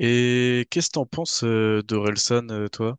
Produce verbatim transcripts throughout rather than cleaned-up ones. Et qu'est-ce que t'en penses euh, d'Orelsan, euh, toi?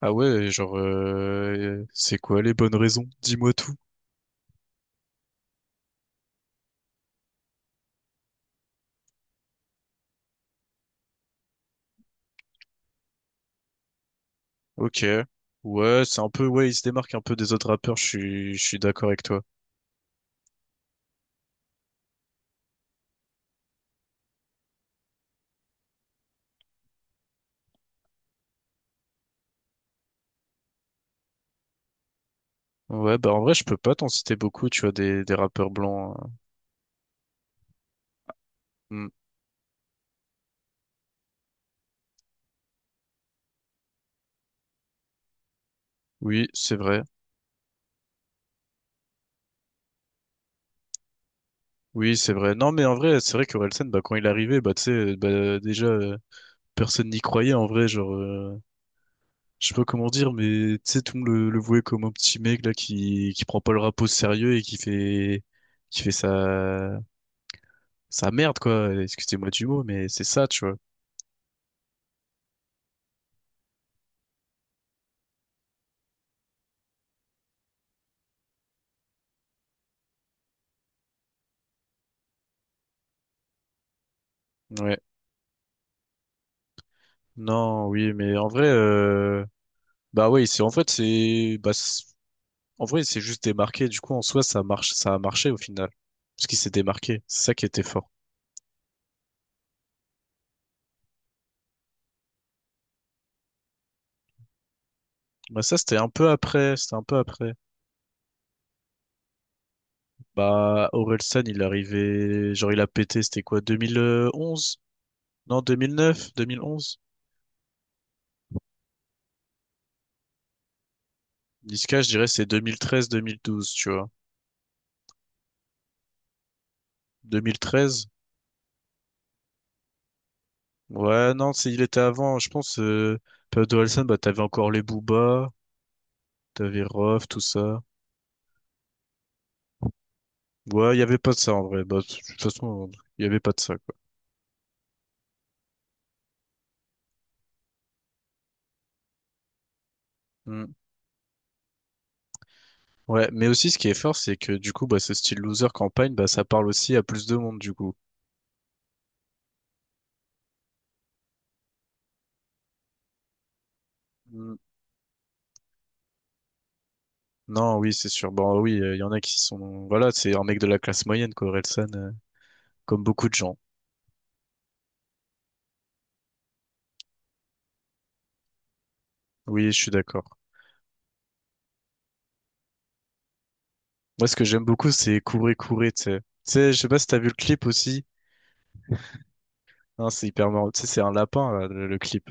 Ah ouais, genre, euh, c'est quoi les bonnes raisons? Dis-moi tout. Ok. Ouais, c'est un peu, ouais, il se démarque un peu des autres rappeurs, je suis, je suis d'accord avec toi. Ouais, bah en vrai, je peux pas t'en citer beaucoup, tu vois, des, des rappeurs blancs, hein. Hmm. Oui, c'est vrai. Oui, c'est vrai. Non, mais en vrai, c'est vrai qu'Orelsan, bah, quand il est arrivé, bah, tu sais, euh, bah, déjà, euh, personne n'y croyait en vrai. Genre, euh, je sais pas comment dire, mais tu sais, tout le monde le, le voyait comme un petit mec là qui, qui prend pas le rap au sérieux et qui fait, qui fait sa, sa merde, quoi. Excusez-moi du mot, mais c'est ça, tu vois. Ouais. Non, oui, mais en vrai, euh, bah, oui, c'est, en fait, c'est, bah, c'est- en vrai, c'est juste démarqué. Du coup, en soi, ça marche, ça a marché au final. Parce qu'il s'est démarqué. C'est ça qui était fort. Bah, ça, c'était un peu après, c'était un peu après. Bah, Orelsan, il est arrivé, genre il a pété, c'était quoi, deux mille onze? Non, deux mille neuf, deux mille onze? Niska, je dirais c'est deux mille treize-deux mille douze, tu vois. deux mille treize? Ouais, non, c'est il était avant, je pense, euh, période Orelsan, bah t'avais encore les Booba, t'avais Rof, tout ça. Ouais, il y avait pas de ça en vrai, bah de toute façon, il y avait pas de ça, quoi. Hmm. Ouais, mais aussi ce qui est fort, c'est que du coup, bah ce style loser campagne, bah ça parle aussi à plus de monde, du coup. Non, oui, c'est sûr. Bon, oui, euh, il y en a qui sont... Voilà, c'est un mec de la classe moyenne, quoi, Orelsan, euh, comme beaucoup de gens. Oui, je suis d'accord. Moi, ce que j'aime beaucoup, c'est courir, courir, tu sais. Tu sais, je sais pas si t'as vu le clip aussi. Hein, c'est hyper marrant. Tu sais, c'est un lapin, là, le, le clip.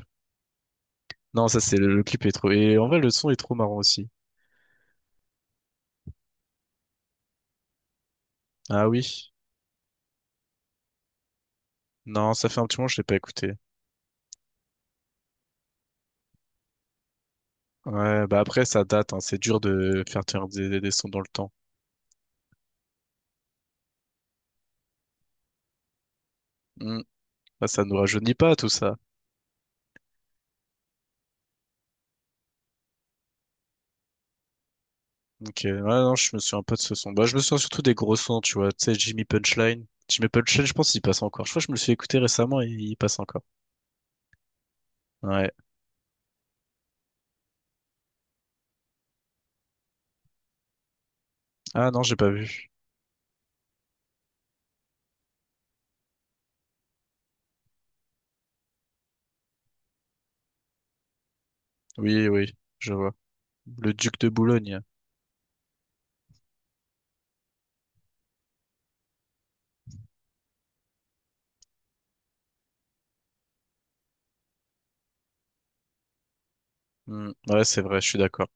Non, ça, c'est... Le, le clip est trop... Et en vrai, le son est trop marrant aussi. Ah oui. Non, ça fait un petit moment que je l'ai pas écouté. Ouais, bah après, ça date, hein. C'est dur de faire tenir des, des des sons dans le temps. Hmm. Bah, ça nous rajeunit pas tout ça. Donc, euh, ouais, non, je me souviens un peu de ce son. Bah, je me souviens surtout des gros sons, tu vois. Tu sais, Jimmy Punchline. Jimmy Punchline, je pense qu'il passe encore. Je crois que je me le suis écouté récemment et il passe encore. Ouais. Ah non, j'ai pas vu. Oui, oui, je vois. Le Duc de Boulogne. Hmm. Ouais, c'est vrai, je suis d'accord.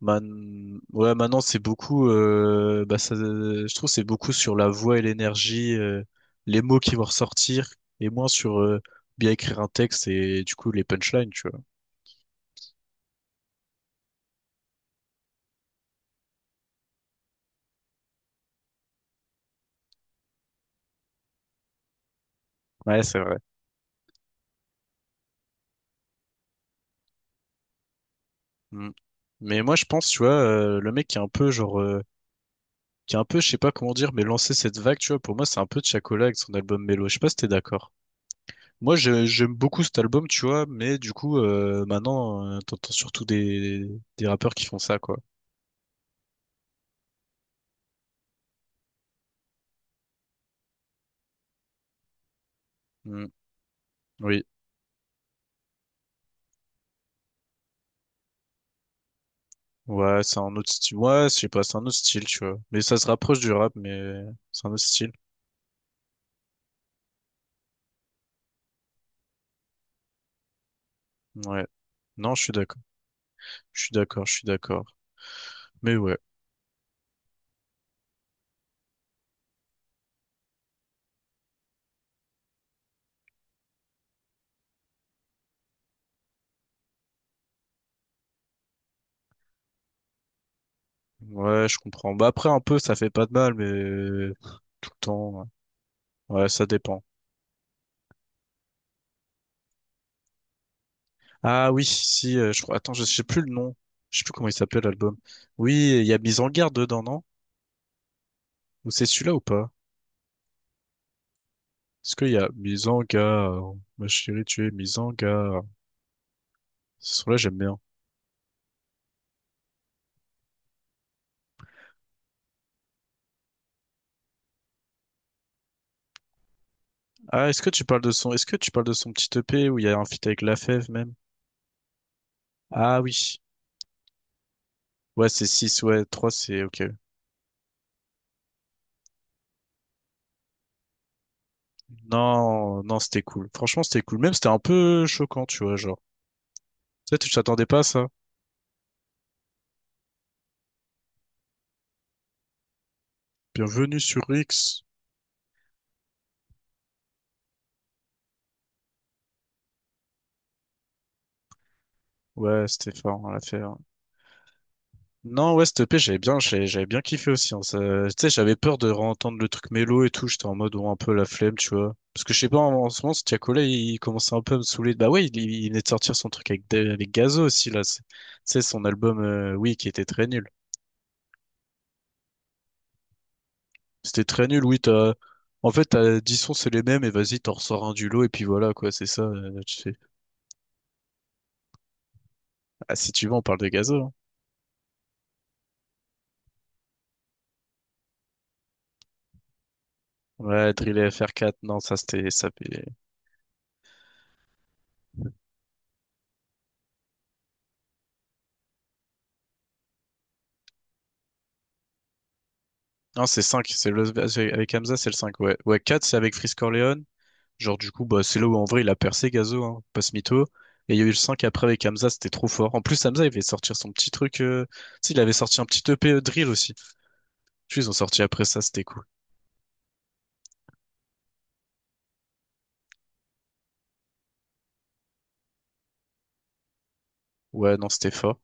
Man... Ouais, maintenant, c'est beaucoup. euh, Bah, ça... Je trouve que c'est beaucoup sur la voix et l'énergie, euh, les mots qui vont ressortir, et moins sur euh, bien écrire un texte et du coup les punchlines, tu vois. Ouais, c'est vrai. Mm. Mais moi, je pense, tu vois, euh, le mec qui est un peu, genre, euh, qui est un peu, je sais pas comment dire, mais lancer cette vague, tu vois, pour moi, c'est un peu Tiakola avec son album Mélo. Je sais pas si t'es d'accord. Moi, j'ai- j'aime beaucoup cet album, tu vois, mais du coup, euh, maintenant, euh, t'entends surtout des, des rappeurs qui font ça, quoi. Mm. Oui. Ouais, c'est un autre style. Ouais, je sais pas, c'est un autre style, tu vois. Mais ça se rapproche du rap, mais c'est un autre style. Ouais. Non, je suis d'accord. Je suis d'accord, je suis d'accord. Mais ouais. Ouais, je comprends. Bah après, un peu, ça fait pas de mal, mais euh, tout le temps. Ouais, ça dépend. Ah oui, si, euh, je crois. Attends, je sais plus le nom. Je sais plus comment il s'appelle l'album. Oui, il y a Mise en garde dedans, non? Ou c'est celui-là ou pas? Est-ce qu'il y a Mise en garde? Ma chérie, tu es mise en garde. Ce son-là, j'aime bien. Ah, est-ce que tu parles de son, est-ce que tu parles de son petit E p où il y a un feat avec Lafèvre même? Ah oui. Ouais, c'est six ouais, trois c'est ok. Non, non, c'était cool. Franchement, c'était cool. Même, c'était un peu choquant, tu vois, genre. Tu sais, tu t'attendais pas à ça. Bienvenue sur X. Ouais, c'était fort, on l'a fait. Non, ouais, cette E P, j'avais bien, j'ai- j'avais bien kiffé aussi, hein. Ça- Tu sais, j'avais peur de réentendre le truc mélo et tout. J'étais en mode, ouais, un peu la flemme, tu vois. Parce que je sais pas, en, en ce moment, ce Tiakola, il, commençait un peu à me saouler. Bah ouais, il, il il venait de sortir son truc avec, Da- avec Gazo aussi, là. C'est- Tu sais, son album, euh, oui, qui était très nul. C'était très nul, oui, t'as... En fait, t'as dix sons, c'est les mêmes, et vas-y, t'en ressors un du lot, et puis voilà, quoi, c'est ça, euh, tu sais. Ah, si tu veux, on parle de Gazo, hein. Ouais, Drill et F R quatre, non, ça, c'était... Ça... Non, c'est cinq c'est le... avec Hamza, c'est le cinq ouais. Ouais, quatre c'est avec Freeze Corleone. Genre, du coup, bah, c'est là où en vrai il a percé Gazo, hein, pas ce mytho. Et il y a eu le cinq après avec Hamza, c'était trop fort. En plus, Hamza, il avait sortir son petit truc. Euh... tu sais, il avait sorti un petit E P euh, drill aussi. Tu sais, ils ont sorti après ça, c'était cool. Ouais, non, c'était fort.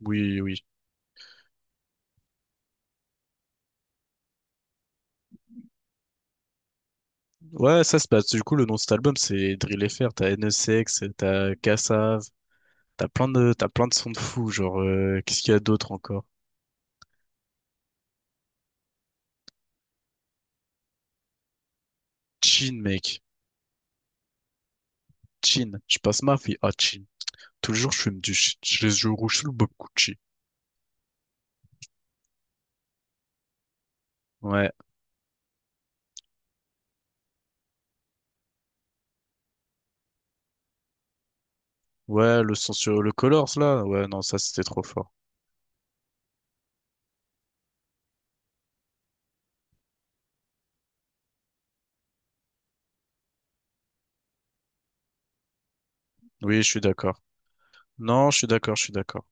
Oui, oui. Ouais, ça, c'est bah, du coup, le nom de cet album, c'est Drill F R. T'as N S X, t'as Kassav, t'as plein de, t'as plein de, sons de fou. Genre, euh, qu'est-ce qu'il y a d'autre encore? Chin, mec. Chin. Je passe ma vie à Chin. Tout le jour, je fume du shit. Je les yeux rouges sous le Bob Gucci. Ouais. Ouais, le son sur le Colors, là. Ouais, non, ça, c'était trop fort. Oui, je suis d'accord. Non, je suis d'accord, je suis d'accord.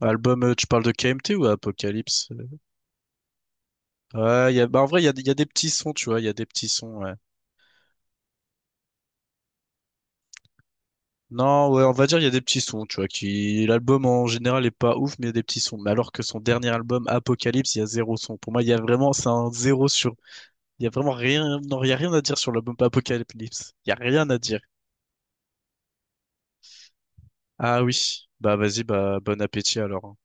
Album, euh, tu parles de K M T ou Apocalypse? Ouais, il y a, bah en vrai, il y a, il y a des petits sons, tu vois, il y a des petits sons, ouais. Non, ouais, on va dire il y a des petits sons, tu vois, qui l'album en général est pas ouf, mais il y a des petits sons. Mais alors que son dernier album, Apocalypse, il y a zéro son. Pour moi, il y a vraiment, c'est un zéro sur. Il y a vraiment rien, non, il y a rien à dire sur l'album Apocalypse. Il y a rien à dire. Ah oui, bah vas-y, bah bon appétit alors, hein.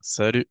Salut.